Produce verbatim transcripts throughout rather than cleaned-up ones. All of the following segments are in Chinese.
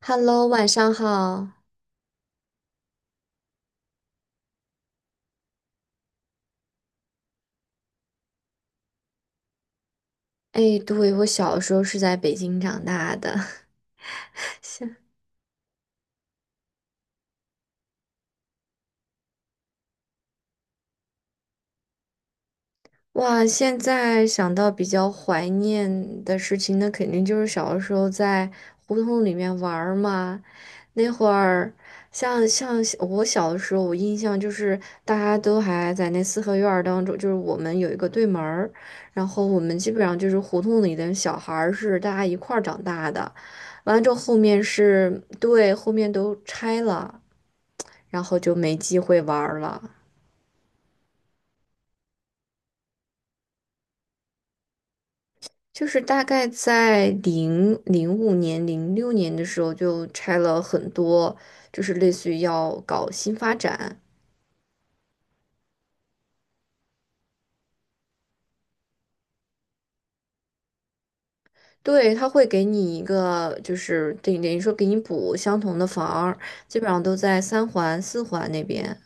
Hello，晚上好。哎，对，我小时候是在北京长大的。现哇，现在想到比较怀念的事情，那肯定就是小的时候在胡同里面玩儿嘛。那会儿，像像我小的时候，我印象就是大家都还在那四合院儿当中，就是我们有一个对门儿，然后我们基本上就是胡同里的小孩儿是大家一块儿长大的。完了之后，后面是对，后面都拆了，然后就没机会玩了。就是大概在零零五年、零六年的时候，就拆了很多，就是类似于要搞新发展，对，他会给你一个，就是等于等于说给你补相同的房儿基本上都在三环、四环那边。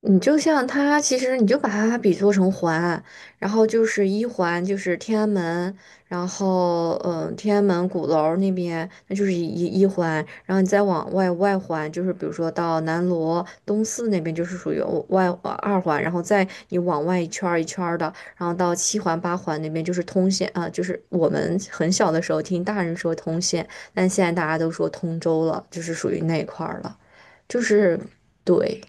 你就像它，其实你就把它比作成环，然后就是一环就是天安门，然后嗯、呃天安门鼓楼儿那边那就是一一环，然后你再往外外环就是比如说到南锣东四那边就是属于哦外呃二环，然后再你往外一圈儿一圈儿的，然后到七环八环那边就是通县啊、就是我们很小的时候听大人说通县，但现在大家都说通州了，就是属于那一块儿了，就是对。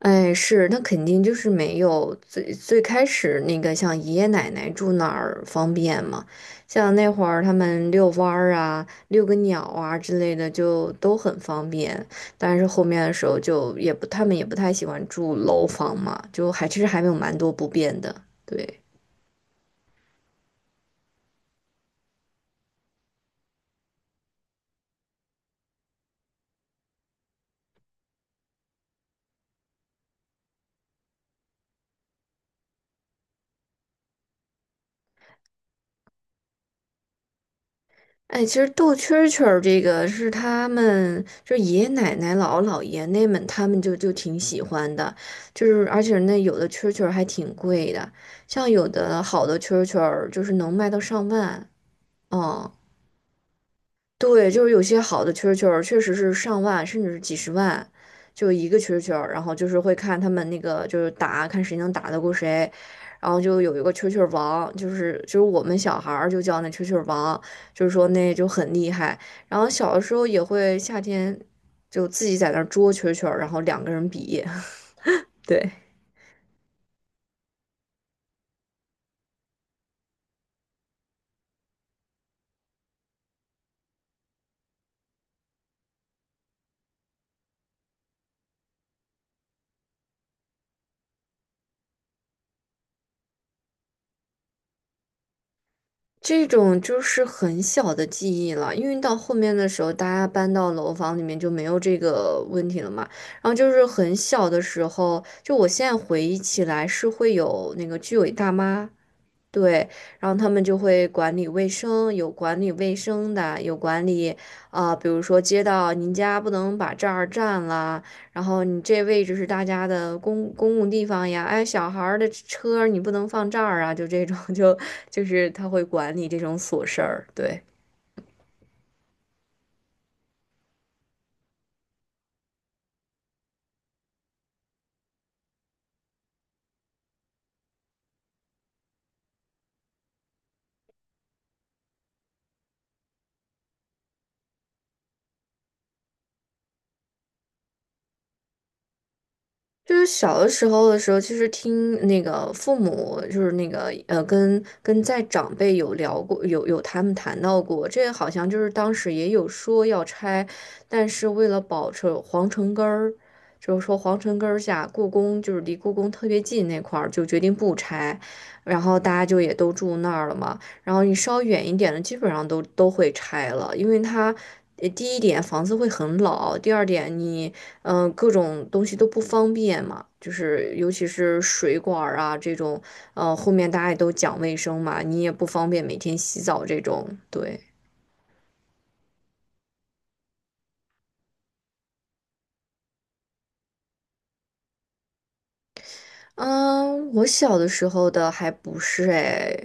哎，是，那肯定就是没有最最开始那个像爷爷奶奶住哪儿方便嘛，像那会儿他们遛弯儿啊、遛个鸟啊之类的就都很方便，但是后面的时候就也不，他们也不太喜欢住楼房嘛，就还其实还没有蛮多不便的，对。哎，其实斗蛐儿蛐儿这个是他们，就是爷爷奶奶、姥姥姥爷那们，他们就就挺喜欢的，就是而且那有的蛐儿蛐儿还挺贵的，像有的好的蛐儿蛐儿就是能卖到上万，嗯。对，就是有些好的蛐儿蛐儿确实是上万，甚至是几十万，就一个蛐儿蛐儿，然后就是会看他们那个就是打，看谁能打得过谁，然后就有一个蛐儿蛐儿王，就是就是我们小孩儿就叫那蛐儿蛐儿王，就是说那就很厉害。然后小的时候也会夏天就自己在那儿捉蛐儿蛐儿，然后两个人比，对。这种就是很小的记忆了，因为到后面的时候，大家搬到楼房里面就没有这个问题了嘛。然后就是很小的时候，就我现在回忆起来是会有那个居委大妈，对，然后他们就会管理卫生，有管理卫生的，有管理，啊、比如说街道，您家不能把这儿占了，然后你这位置是大家的公公共地方呀，哎，小孩儿的车你不能放这儿啊，就这种，就就是他会管理这种琐事儿，对。就是小的时候的时候，其实听那个父母，就是那个呃，跟跟在长辈有聊过，有有他们谈到过，这个好像就是当时也有说要拆，但是为了保持皇城根儿，就是说皇城根儿下故宫就是离故宫特别近那块儿，就决定不拆，然后大家就也都住那儿了嘛，然后你稍远一点的基本上都都会拆了，因为它。呃第一点，房子会很老；第二点，你嗯，呃各种东西都不方便嘛，就是尤其是水管儿啊这种，呃，后面大家也都讲卫生嘛，你也不方便每天洗澡这种，对。嗯，我小的时候的还不是哎，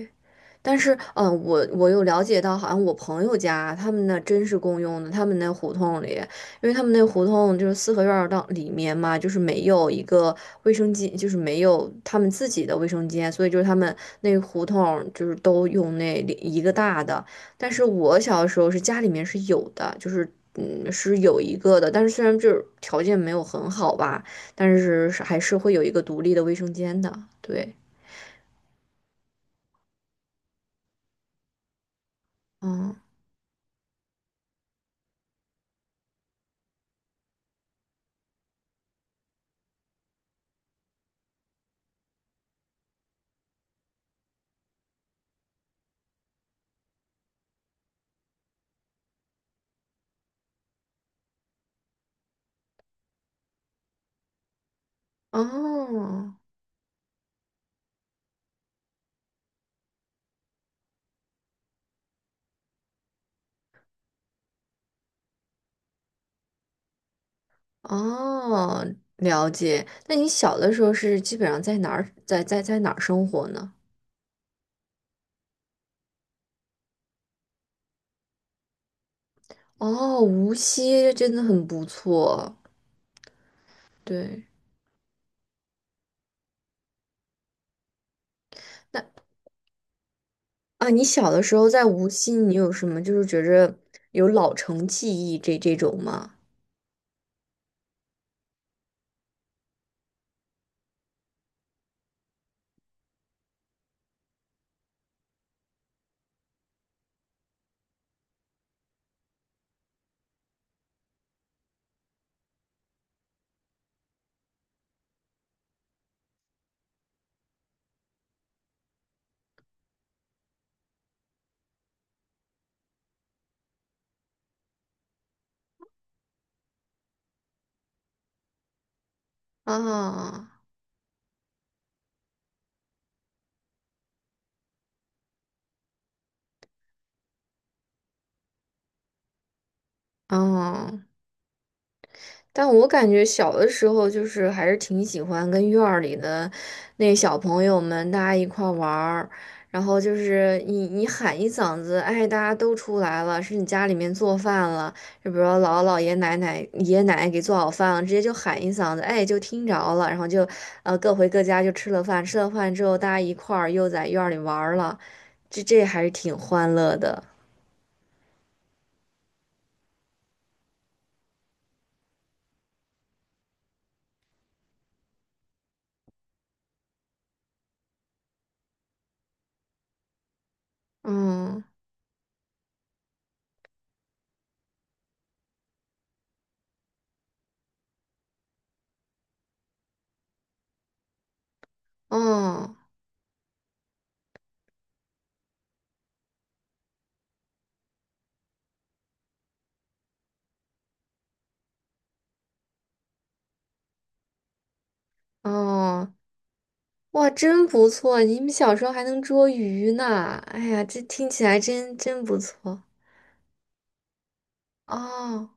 但是，嗯，我我有了解到，好像我朋友家他们那真是共用的，他们那胡同里，因为他们那胡同就是四合院儿到里面嘛，就是没有一个卫生间，就是没有他们自己的卫生间，所以就是他们那个胡同就是都用那里一个大的。但是我小的时候是家里面是有的，就是嗯是有一个的，但是虽然就是条件没有很好吧，但是是还是会有一个独立的卫生间的，对，嗯，哦。哦，了解。那你小的时候是基本上在哪儿，在在在哪儿生活呢？哦，无锡真的很不错。对，那啊，你小的时候在无锡，你有什么就是觉着有老城记忆这这种吗？啊啊，哦但我感觉小的时候就是还是挺喜欢跟院儿里的那小朋友们大家一块儿玩儿，然后就是你你喊一嗓子，哎，大家都出来了，是你家里面做饭了，就比如说姥姥姥爷奶奶爷爷奶奶给做好饭了，直接就喊一嗓子，哎，就听着了，然后就呃各回各家就吃了饭，吃了饭之后大家一块儿又在院儿里玩儿了，这这还是挺欢乐的，嗯，哦。哦，哇，真不错！你们小时候还能捉鱼呢，哎呀，这听起来真真不错哦。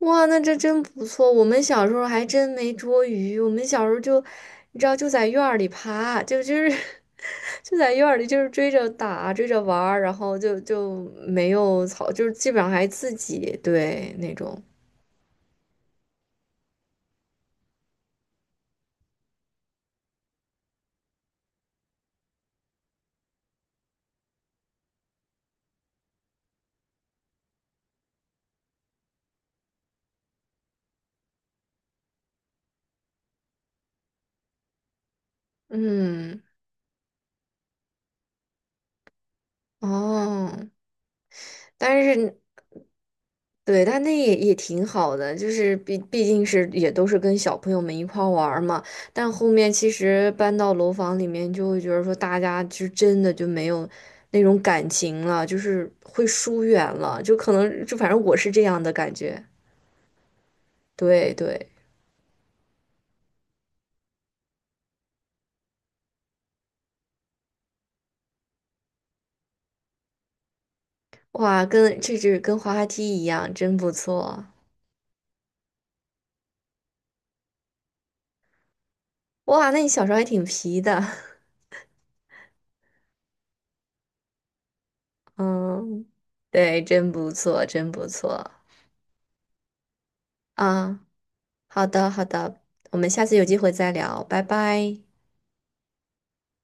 哇，那这真不错。我们小时候还真没捉鱼，我们小时候就，你知道，就在院儿里爬，就就是 就在院儿里就是追着打，追着玩儿，然后就就没有草，就是基本上还自己对那种，嗯，哦。但是，对，但那也也挺好的，就是毕毕竟是也都是跟小朋友们一块儿玩儿嘛。但后面其实搬到楼房里面，就会觉得说大家就真的就没有那种感情了，就是会疏远了，就可能就反正我是这样的感觉。对对，哇，跟这是跟滑滑梯一样，真不错。哇，那你小时候还挺皮的，嗯，对，真不错，真不错啊。好的，好的，我们下次有机会再聊，拜拜。